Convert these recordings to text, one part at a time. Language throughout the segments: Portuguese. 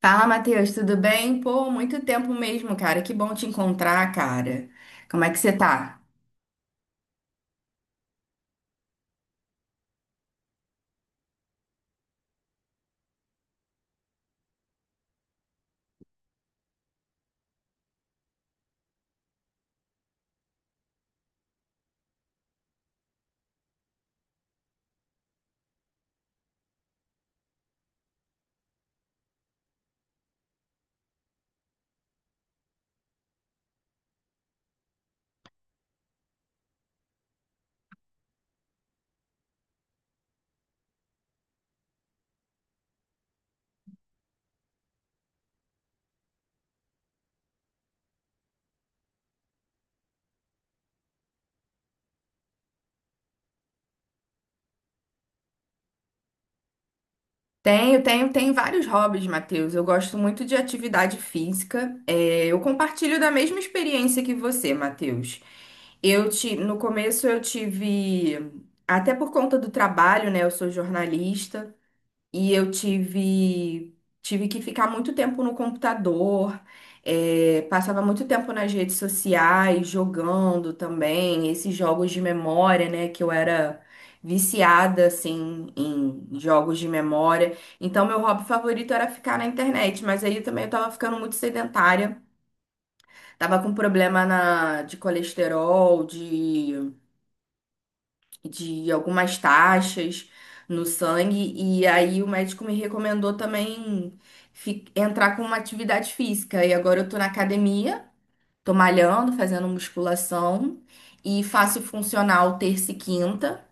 Fala, Matheus, tudo bem? Pô, muito tempo mesmo, cara. Que bom te encontrar, cara. Como é que você tá? Tenho vários hobbies, Matheus. Eu gosto muito de atividade física. É, eu compartilho da mesma experiência que você, Matheus. No começo eu tive, até por conta do trabalho, né? Eu sou jornalista. E eu tive que ficar muito tempo no computador, passava muito tempo nas redes sociais, jogando também, esses jogos de memória, né, que eu era viciada, assim, em jogos de memória. Então, meu hobby favorito era ficar na internet, mas aí também eu tava ficando muito sedentária, tava com problema na, de colesterol, de algumas taxas no sangue, e aí o médico me recomendou também entrar com uma atividade física. E agora eu tô na academia, tô malhando, fazendo musculação e faço funcional terça e quinta.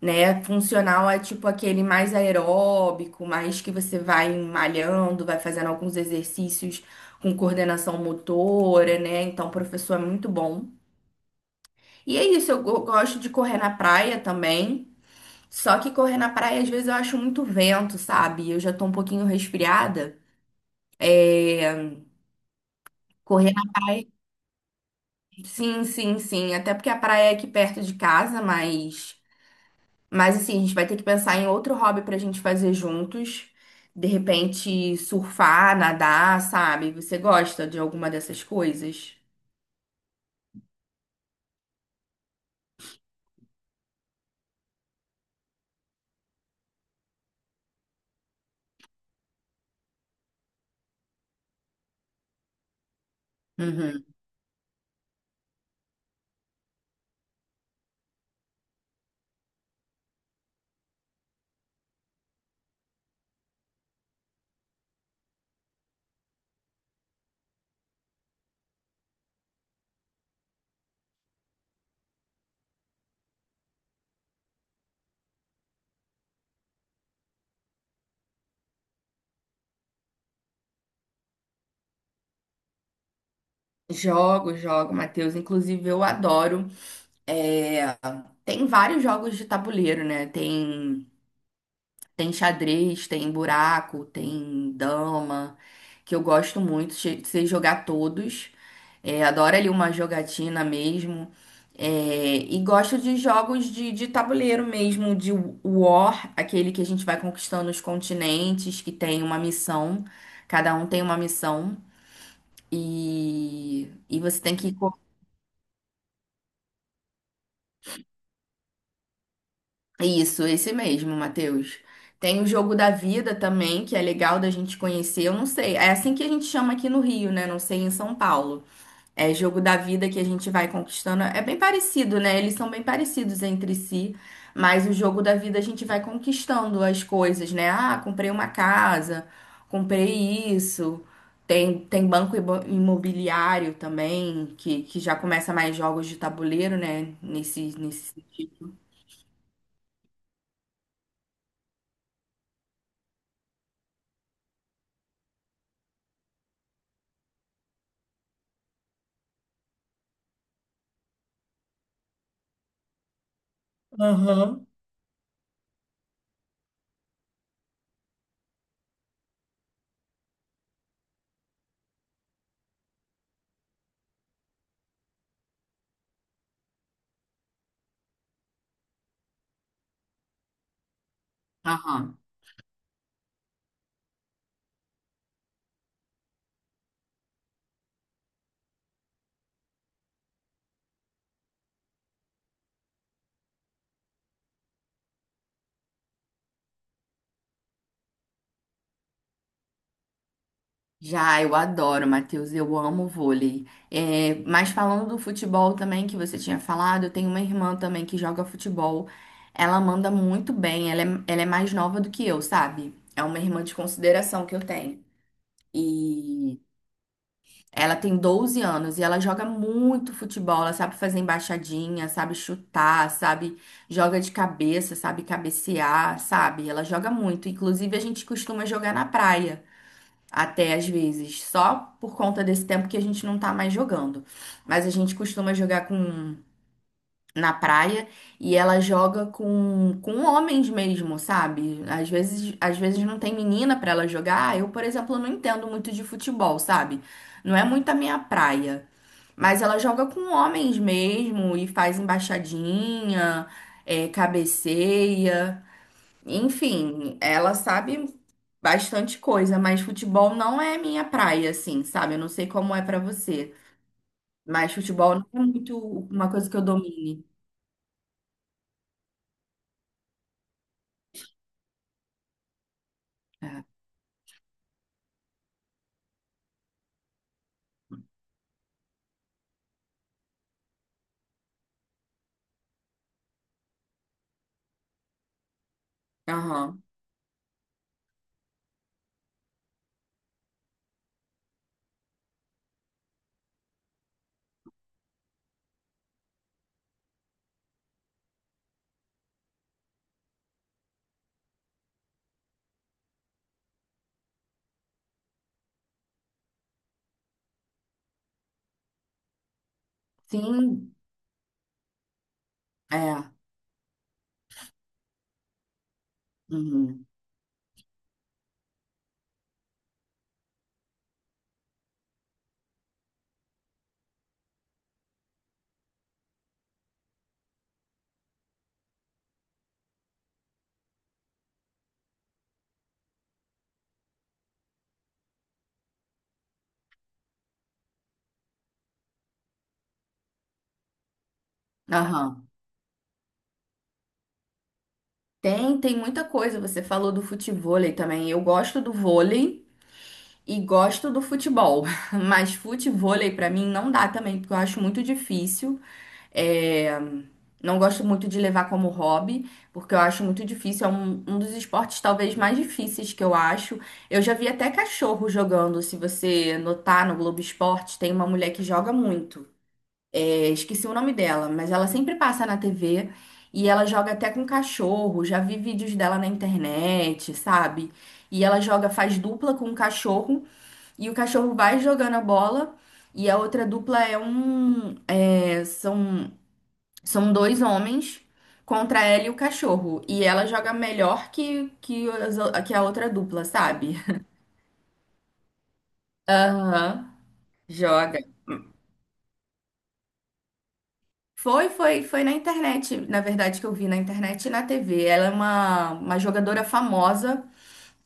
Né? Funcional é tipo aquele mais aeróbico, mais que você vai malhando, vai fazendo alguns exercícios com coordenação motora, né? Então, o professor é muito bom. E é isso, eu gosto de correr na praia também. Só que correr na praia, às vezes, eu acho muito vento, sabe? Eu já tô um pouquinho resfriada. É, Correr na praia. Sim, sim, sim. Até porque a praia é aqui perto de casa, mas. Mas assim, a gente vai ter que pensar em outro hobby pra gente fazer juntos. De repente, surfar, nadar, sabe? Você gosta de alguma dessas coisas? Uhum. Jogo, jogo, Matheus. Inclusive, eu adoro. É, Tem vários jogos de tabuleiro, né? Tem. Tem xadrez, tem buraco, tem dama, que eu gosto muito, sei jogar todos. É, adoro ali uma jogatina mesmo. É, e gosto de jogos de tabuleiro mesmo, de War, aquele que a gente vai conquistando os continentes, que tem uma missão, cada um tem uma missão, e você tem que. Isso, esse mesmo, Matheus. Tem o Jogo da Vida também, que é legal da gente conhecer. Eu não sei, é assim que a gente chama aqui no Rio, né? Não sei em São Paulo. É Jogo da Vida que a gente vai conquistando. É bem parecido, né? Eles são bem parecidos entre si, mas o Jogo da Vida a gente vai conquistando as coisas, né? Ah, comprei uma casa, comprei isso. Tem banco imobiliário também, que já começa mais jogos de tabuleiro, né? Nesse... Aham. Aham. Já, eu adoro, Matheus, eu amo vôlei. É, mas falando do futebol também, que você tinha falado, eu tenho uma irmã também que joga futebol. Ela manda muito bem, ela é mais nova do que eu, sabe? É uma irmã de consideração que eu tenho. E ela tem 12 anos e ela joga muito futebol, ela sabe fazer embaixadinha, sabe chutar, sabe? Joga de cabeça, sabe cabecear, sabe? Ela joga muito. Inclusive, a gente costuma jogar na praia. Até às vezes, só por conta desse tempo que a gente não tá mais jogando. Mas a gente costuma jogar com na praia e ela joga com homens mesmo, sabe? Às vezes não tem menina pra ela jogar. Ah, eu, por exemplo, não entendo muito de futebol, sabe? Não é muito a minha praia. Mas ela joga com homens mesmo e faz embaixadinha, é, cabeceia. Enfim, ela sabe bastante coisa, mas futebol não é minha praia, assim, sabe? Eu não sei como é pra você, mas futebol não é muito uma coisa que eu domine. É. Aham. Sim, é. Uhum. Aham. Tem, tem muita coisa. Você falou do futevôlei também. Eu gosto do vôlei e gosto do futebol, mas futevôlei pra mim não dá também, porque eu acho muito difícil. É, não gosto muito de levar como hobby, porque eu acho muito difícil. É um dos esportes talvez mais difíceis que eu acho. Eu já vi até cachorro jogando. Se você notar no Globo Esporte, tem uma mulher que joga muito. É, esqueci o nome dela, mas ela sempre passa na TV e ela joga até com cachorro. Já vi vídeos dela na internet, sabe? E ela joga, faz dupla com o cachorro e o cachorro vai jogando a bola. E a outra dupla é um. É, são dois homens contra ela e o cachorro. E ela joga melhor as que a outra dupla, sabe? Aham, joga. Foi na internet, na verdade, que eu vi na internet e na TV. Ela é uma jogadora famosa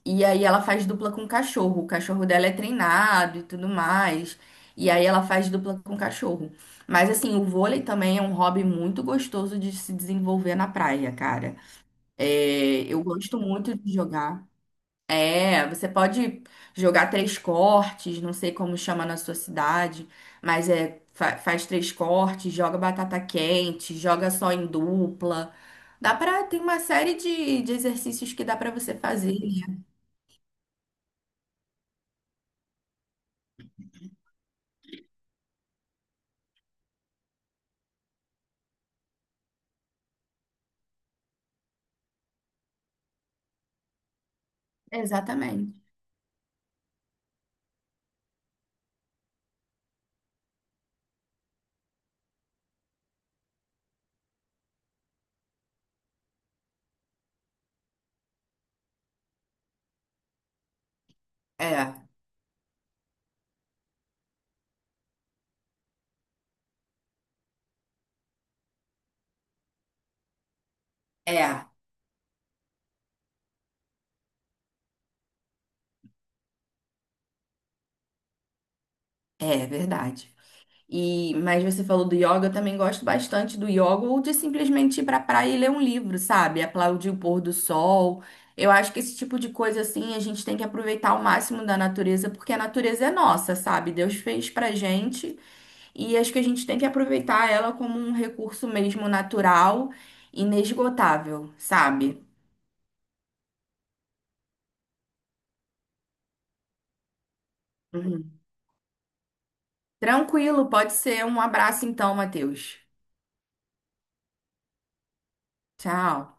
e aí ela faz dupla com cachorro. O cachorro dela é treinado e tudo mais. E aí ela faz dupla com cachorro. Mas assim, o vôlei também é um hobby muito gostoso de se desenvolver na praia, cara. É, eu gosto muito de jogar. É, você pode jogar três cortes, não sei como chama na sua cidade, mas é faz três cortes, joga batata quente, joga só em dupla. Dá pra, tem uma série de exercícios que dá pra você fazer. Né? Exatamente. É, é, é verdade. E, mas você falou do yoga, eu também gosto bastante do yoga, ou de simplesmente ir pra praia e ler um livro, sabe? Aplaudir o pôr do sol. Eu acho que esse tipo de coisa assim, a gente tem que aproveitar ao máximo da natureza, porque a natureza é nossa, sabe? Deus fez pra gente e acho que a gente tem que aproveitar ela como um recurso mesmo natural, inesgotável, sabe? Uhum. Tranquilo, pode ser. Um abraço então, Matheus. Tchau.